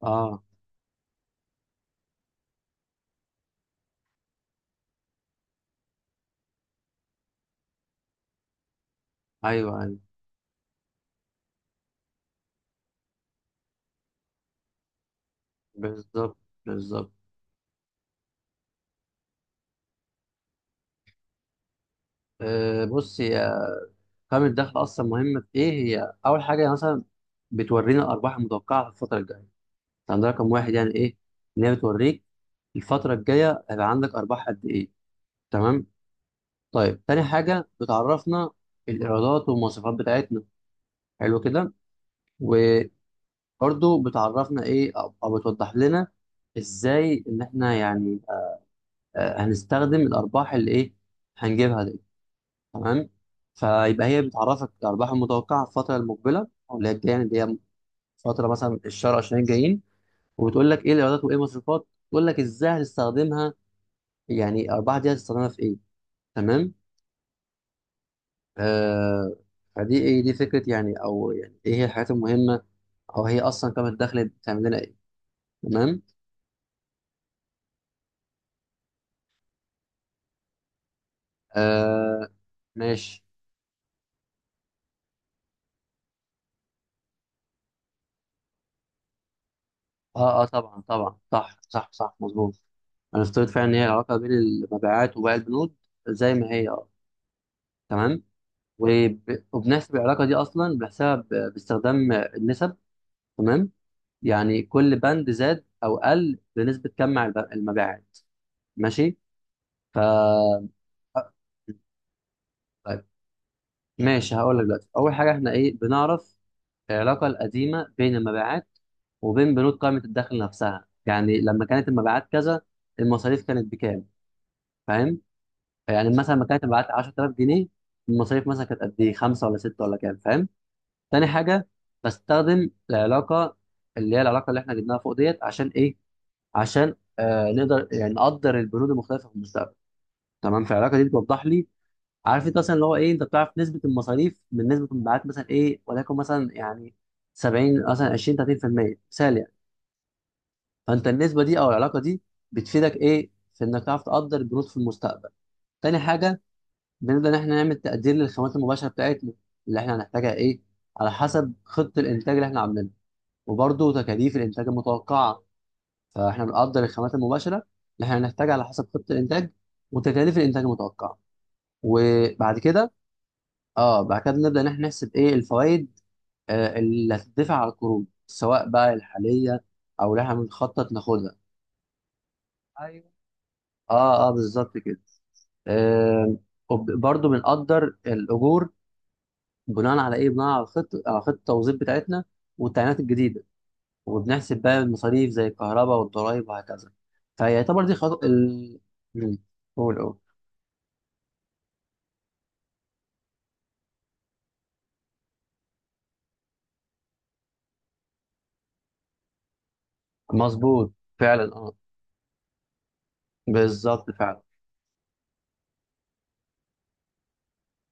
اه ايوه ايوه. بالظبط بالظبط. بص، هي قائمه الدخل اصلا مهمه في ايه؟ هي اول حاجه مثلا بتورينا الارباح المتوقعه في الفتره الجايه. طب ده رقم واحد، يعني ايه؟ ان هي بتوريك الفتره الجايه هيبقى عندك ارباح قد ايه. تمام. طيب تاني حاجه، بتعرفنا الايرادات والمواصفات بتاعتنا، حلو كده. وبرده بتعرفنا ايه، او أو بتوضح لنا ازاي ان احنا هنستخدم الارباح اللي ايه، هنجيبها دي. تمام. فيبقى هي بتعرفك الارباح المتوقعه في الفتره المقبله او اللي هي الجايه، يعني اللي هي فتره مثلا الشهر 20 الجايين. وبتقول لك ايه الايرادات وايه المصروفات، تقول لك ازاي هتستخدمها، يعني الارباح دي هتستخدمها في ايه. تمام. آه فدي ايه، دي فكره يعني، او يعني ايه هي الحاجات المهمه، او هي اصلا كم الدخل بتعمل لنا ايه. تمام. آه. ماشي. اه، طبعا، صح مظبوط. انا افترضت فعلا ان هي العلاقه بين المبيعات وبيع البنود زي ما هي، اه تمام. وب- وبنحسب العلاقة دي أصلا بنحسبها باستخدام النسب. تمام. يعني كل بند زاد أو قل بنسبة كم مع المبيعات. ماشي. ف طيب، ماشي، هقول لك دلوقتي. أول حاجة، إحنا إيه بنعرف؟ العلاقة القديمة بين المبيعات وبين بنود قائمة الدخل نفسها، يعني لما كانت المبيعات كذا، المصاريف كانت بكام، فاهم؟ يعني مثلا لما كانت المبيعات 10000 جنيه، المصاريف مثلا كانت قد إيه، 5 ولا 6 ولا كام، فاهم. تاني حاجه، بستخدم العلاقه، اللي هي العلاقه اللي احنا جبناها فوق ديت، عشان ايه؟ عشان نقدر، نقدر البنود المختلفه في المستقبل. تمام. فالعلاقه دي بتوضح لي، عارف، انت مثلا اللي هو ايه، انت بتعرف نسبه المصاريف من نسبه المبيعات مثلا ايه، وليكن مثلا يعني 70 مثلا، 20، 30%، مثال يعني. فانت النسبه دي او العلاقه دي بتفيدك ايه في انك تعرف تقدر البنود في المستقبل. تاني حاجه، بنبدا ان احنا نعمل تقدير للخامات المباشره بتاعتنا اللي احنا هنحتاجها ايه على حسب خطه الانتاج اللي احنا عاملينها، وبرضه تكاليف الانتاج المتوقعه. فاحنا بنقدر الخامات المباشره اللي احنا هنحتاجها على حسب خطه الانتاج وتكاليف الانتاج المتوقعه. وبعد كده، اه بعد كده بنبدا ان احنا نحسب ايه الفوائد، اللي هتدفع على القروض، سواء بقى الحاليه او اللي احنا بنخطط ناخدها. ايوه. اه بالظبط كده. آه. برضه بنقدر الاجور بناء على ايه، بناء على خطه التوظيف بتاعتنا والتعيينات الجديده. وبنحسب بقى المصاريف زي الكهرباء والضرايب وهكذا. فيعتبر دي خطوة ال... مم. قول قول. مظبوط فعلا. اه بالظبط فعلا.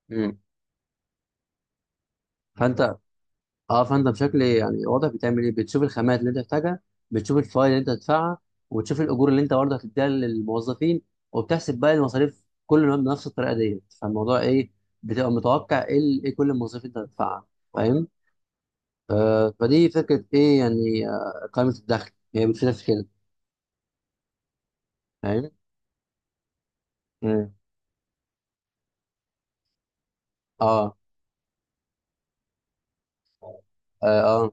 مم. فانت، اه فانت بشكل إيه يعني واضح بتعمل ايه؟ بتشوف الخامات اللي انت محتاجها، بتشوف الفوائد اللي انت هتدفعها، وتشوف الاجور اللي انت برضه هتديها للموظفين، وبتحسب بقى المصاريف كل يوم بنفس الطريقه ديت. فالموضوع ايه، بتبقى متوقع ايه ايه كل المصاريف انت هتدفعها، فاهم. فدي فكره ايه يعني، قائمه الدخل هي بتفيدك في كده، فاهم. مم. اه اه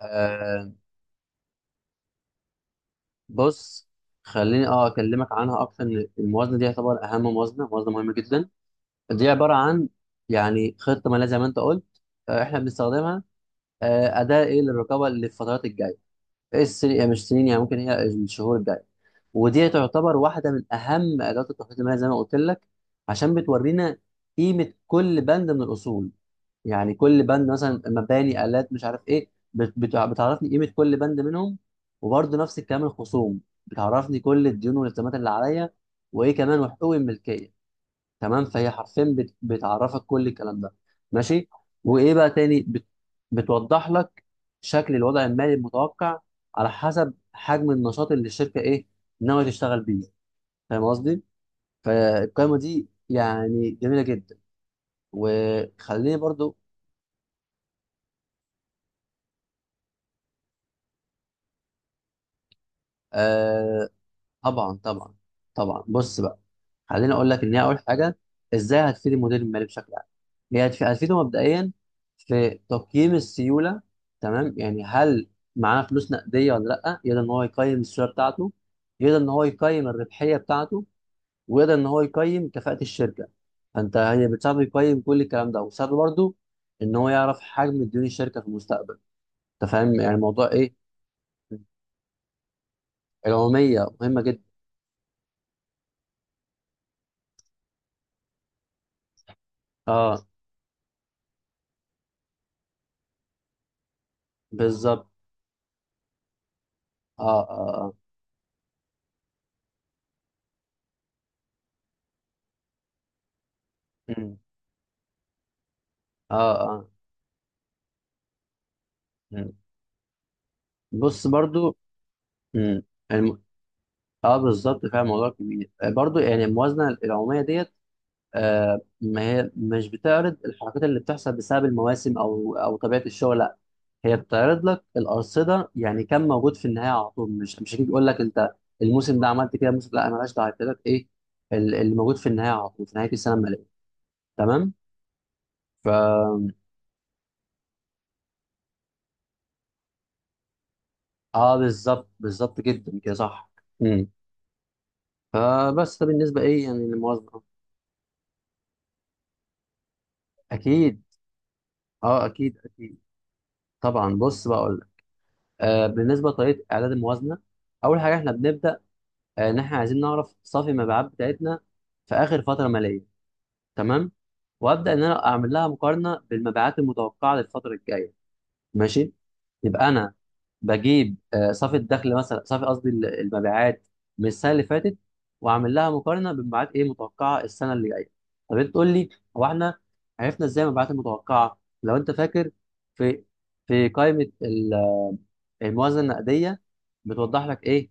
آه، بص، خليني اكلمك عنها اكتر. ان الموازنه دي يعتبر اهم موازنه موازنه مهمه جدا. دي عباره عن خطه ماليه زي ما انت قلت، آه، احنا بنستخدمها آه، اداه ايه للرقابه للفترات الجايه، إيه السنين، يعني مش سنين يعني، ممكن هي الشهور الجايه. ودي تعتبر واحده من اهم ادوات التخطيط المالي زي ما قلت لك، عشان بتورينا قيمه كل بند من الاصول. يعني كل بند، مثلا مباني، آلات، مش عارف ايه، بتعرفني قيمة كل بند منهم. وبرضه نفس الكلام الخصوم، بتعرفني كل الديون والالتزامات اللي عليا، وايه كمان، وحقوق الملكية. تمام، فهي حرفيا بتعرفك كل الكلام ده. ماشي. وايه بقى تاني بت- بتوضح لك شكل الوضع المالي المتوقع على حسب حجم النشاط اللي الشركة ايه ناوية تشتغل بيه، فاهم قصدي. فالقائمة دي يعني جميلة جدا. وخليني برضو. طبعا طبعا طبعا. بص بقى، خليني اقول لك ان هي اول حاجه، ازاي هتفيد المدير المالي بشكل عام. هي هتفيده مبدئيا في تقييم السيوله، تمام. يعني هل معاه فلوس نقديه ولا لا، يقدر ان هو يقيم السيوله بتاعته، يقدر ان هو يقيم الربحيه بتاعته، ويقدر ان هو يقيم كفاءه الشركه. فانت، هي بتساعده يقيم كل الكلام ده، وبتساعده برضه ان هو يعرف حجم ديون الشركه في المستقبل، انت فاهم يعني موضوع ايه. العموميه مهمه جدا. اه بالظبط. اه اه. آه. اه. مم. بص برضو. مم. الم... اه بالظبط فعلا موضوع كبير. آه، برضو يعني الموازنه العموميه ديت، ما هي مش بتعرض الحركات اللي بتحصل بسبب المواسم او طبيعه الشغل، لا. هي بتعرض لك الارصده، يعني كم موجود في النهايه على طول. مش هتيجي تقول لك انت الموسم ده عملت كده، الموسم لا انا مالهاش دعوه، هتقول لك ايه اللي موجود في النهايه على طول، في نهايه السنه الماليه. تمام. ف اه بالظبط جدا كده، صح. مم. فبس ده بالنسبه ايه يعني للموازنه. اكيد. اكيد. طبعا، بص بقول لك. آه، بالنسبه لطريقه اعداد الموازنه، اول حاجه احنا بنبدا آه، ان احنا عايزين نعرف صافي المبيعات بتاعتنا في اخر فتره ماليه. تمام. وابدا ان انا اعمل لها مقارنه بالمبيعات المتوقعه للفتره الجايه، ماشي. يبقى انا بجيب آه، صافي الدخل مثلا صافي قصدي ال- المبيعات من السنه اللي فاتت، واعمل لها مقارنه بالمبيعات ايه متوقعه السنه اللي جايه. طب انت تقول لي هو احنا عرفنا ازاي المبيعات المتوقعه، لو انت فاكر. في في قائمه الموازنه النقديه بتوضح لك ايه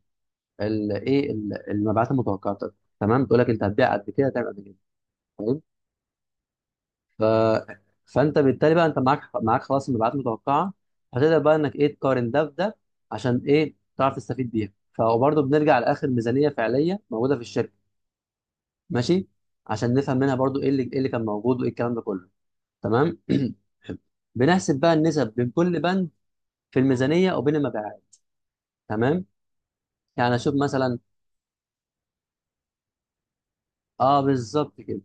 المبيعات المتوقعه. تمام، بتقول لك انت هتبيع قد كده، هتعمل قد كده. تمام. فانت بالتالي بقى انت معاك خلاص المبيعات المتوقعه. هتقدر بقى انك ايه، تقارن ده بده، عشان ايه، تعرف تستفيد بيها. فبرضه بنرجع لاخر ميزانيه فعليه موجوده في الشركه، ماشي، عشان نفهم منها برضه ايه اللي كان موجود وايه الكلام ده كله. تمام. بنحسب بقى النسب بين كل بند في الميزانيه وبين المبيعات، تمام. يعني اشوف مثلا. اه بالظبط كده.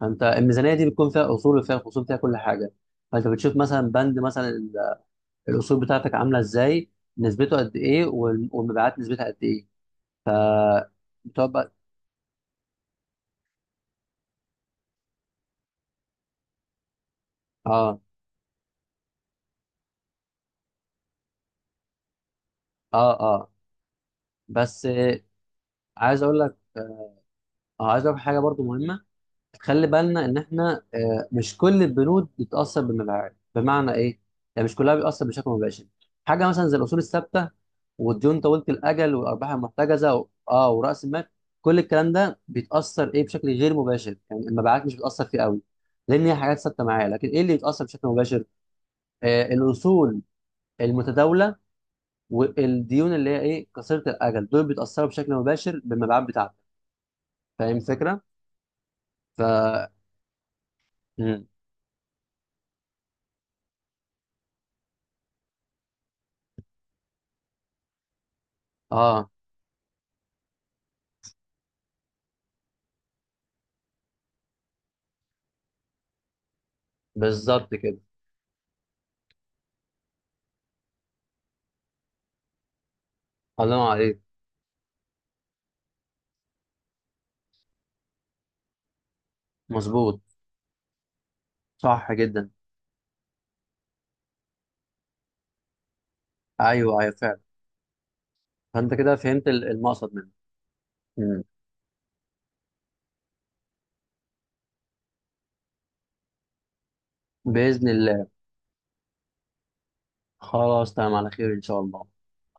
فانت الميزانيه دي بتكون فيها اصول وفيها خصوم، فيها كل حاجه. فانت بتشوف مثلا الاصول بتاعتك عامله ازاي، نسبته قد ايه، وال- والمبيعات نسبتها قد ايه. بتقعد بقى. اه اه اه. بس آه، عايز اقول لك حاجه برضو مهمه. خلي بالنا ان احنا آه، مش كل البنود بتتاثر بالمبيعات. بمعنى ايه، يعني مش كلها بيأثر بشكل مباشر. حاجه مثلا زي الاصول الثابته والديون طويله الاجل والارباح المحتجزه، و... اه وراس المال، كل الكلام ده بيتاثر ايه بشكل غير مباشر، يعني المبيعات مش بتاثر فيه قوي، لان هي حاجات ثابته معايا. لكن ايه اللي بيتاثر بشكل مباشر؟ آه، الاصول المتداوله، والديون اللي هي ايه قصيره الاجل، دول بيتاثروا بشكل مباشر بالمبيعات بتاعتك، فاهم الفكره. ف مم. اه بالظبط كده. الله ينور عليك. مظبوط، صح جدا. ايوه ايوه فعلا. فانت كده فهمت المقصد منه. مم. باذن الله. خلاص تمام، على خير ان شاء الله.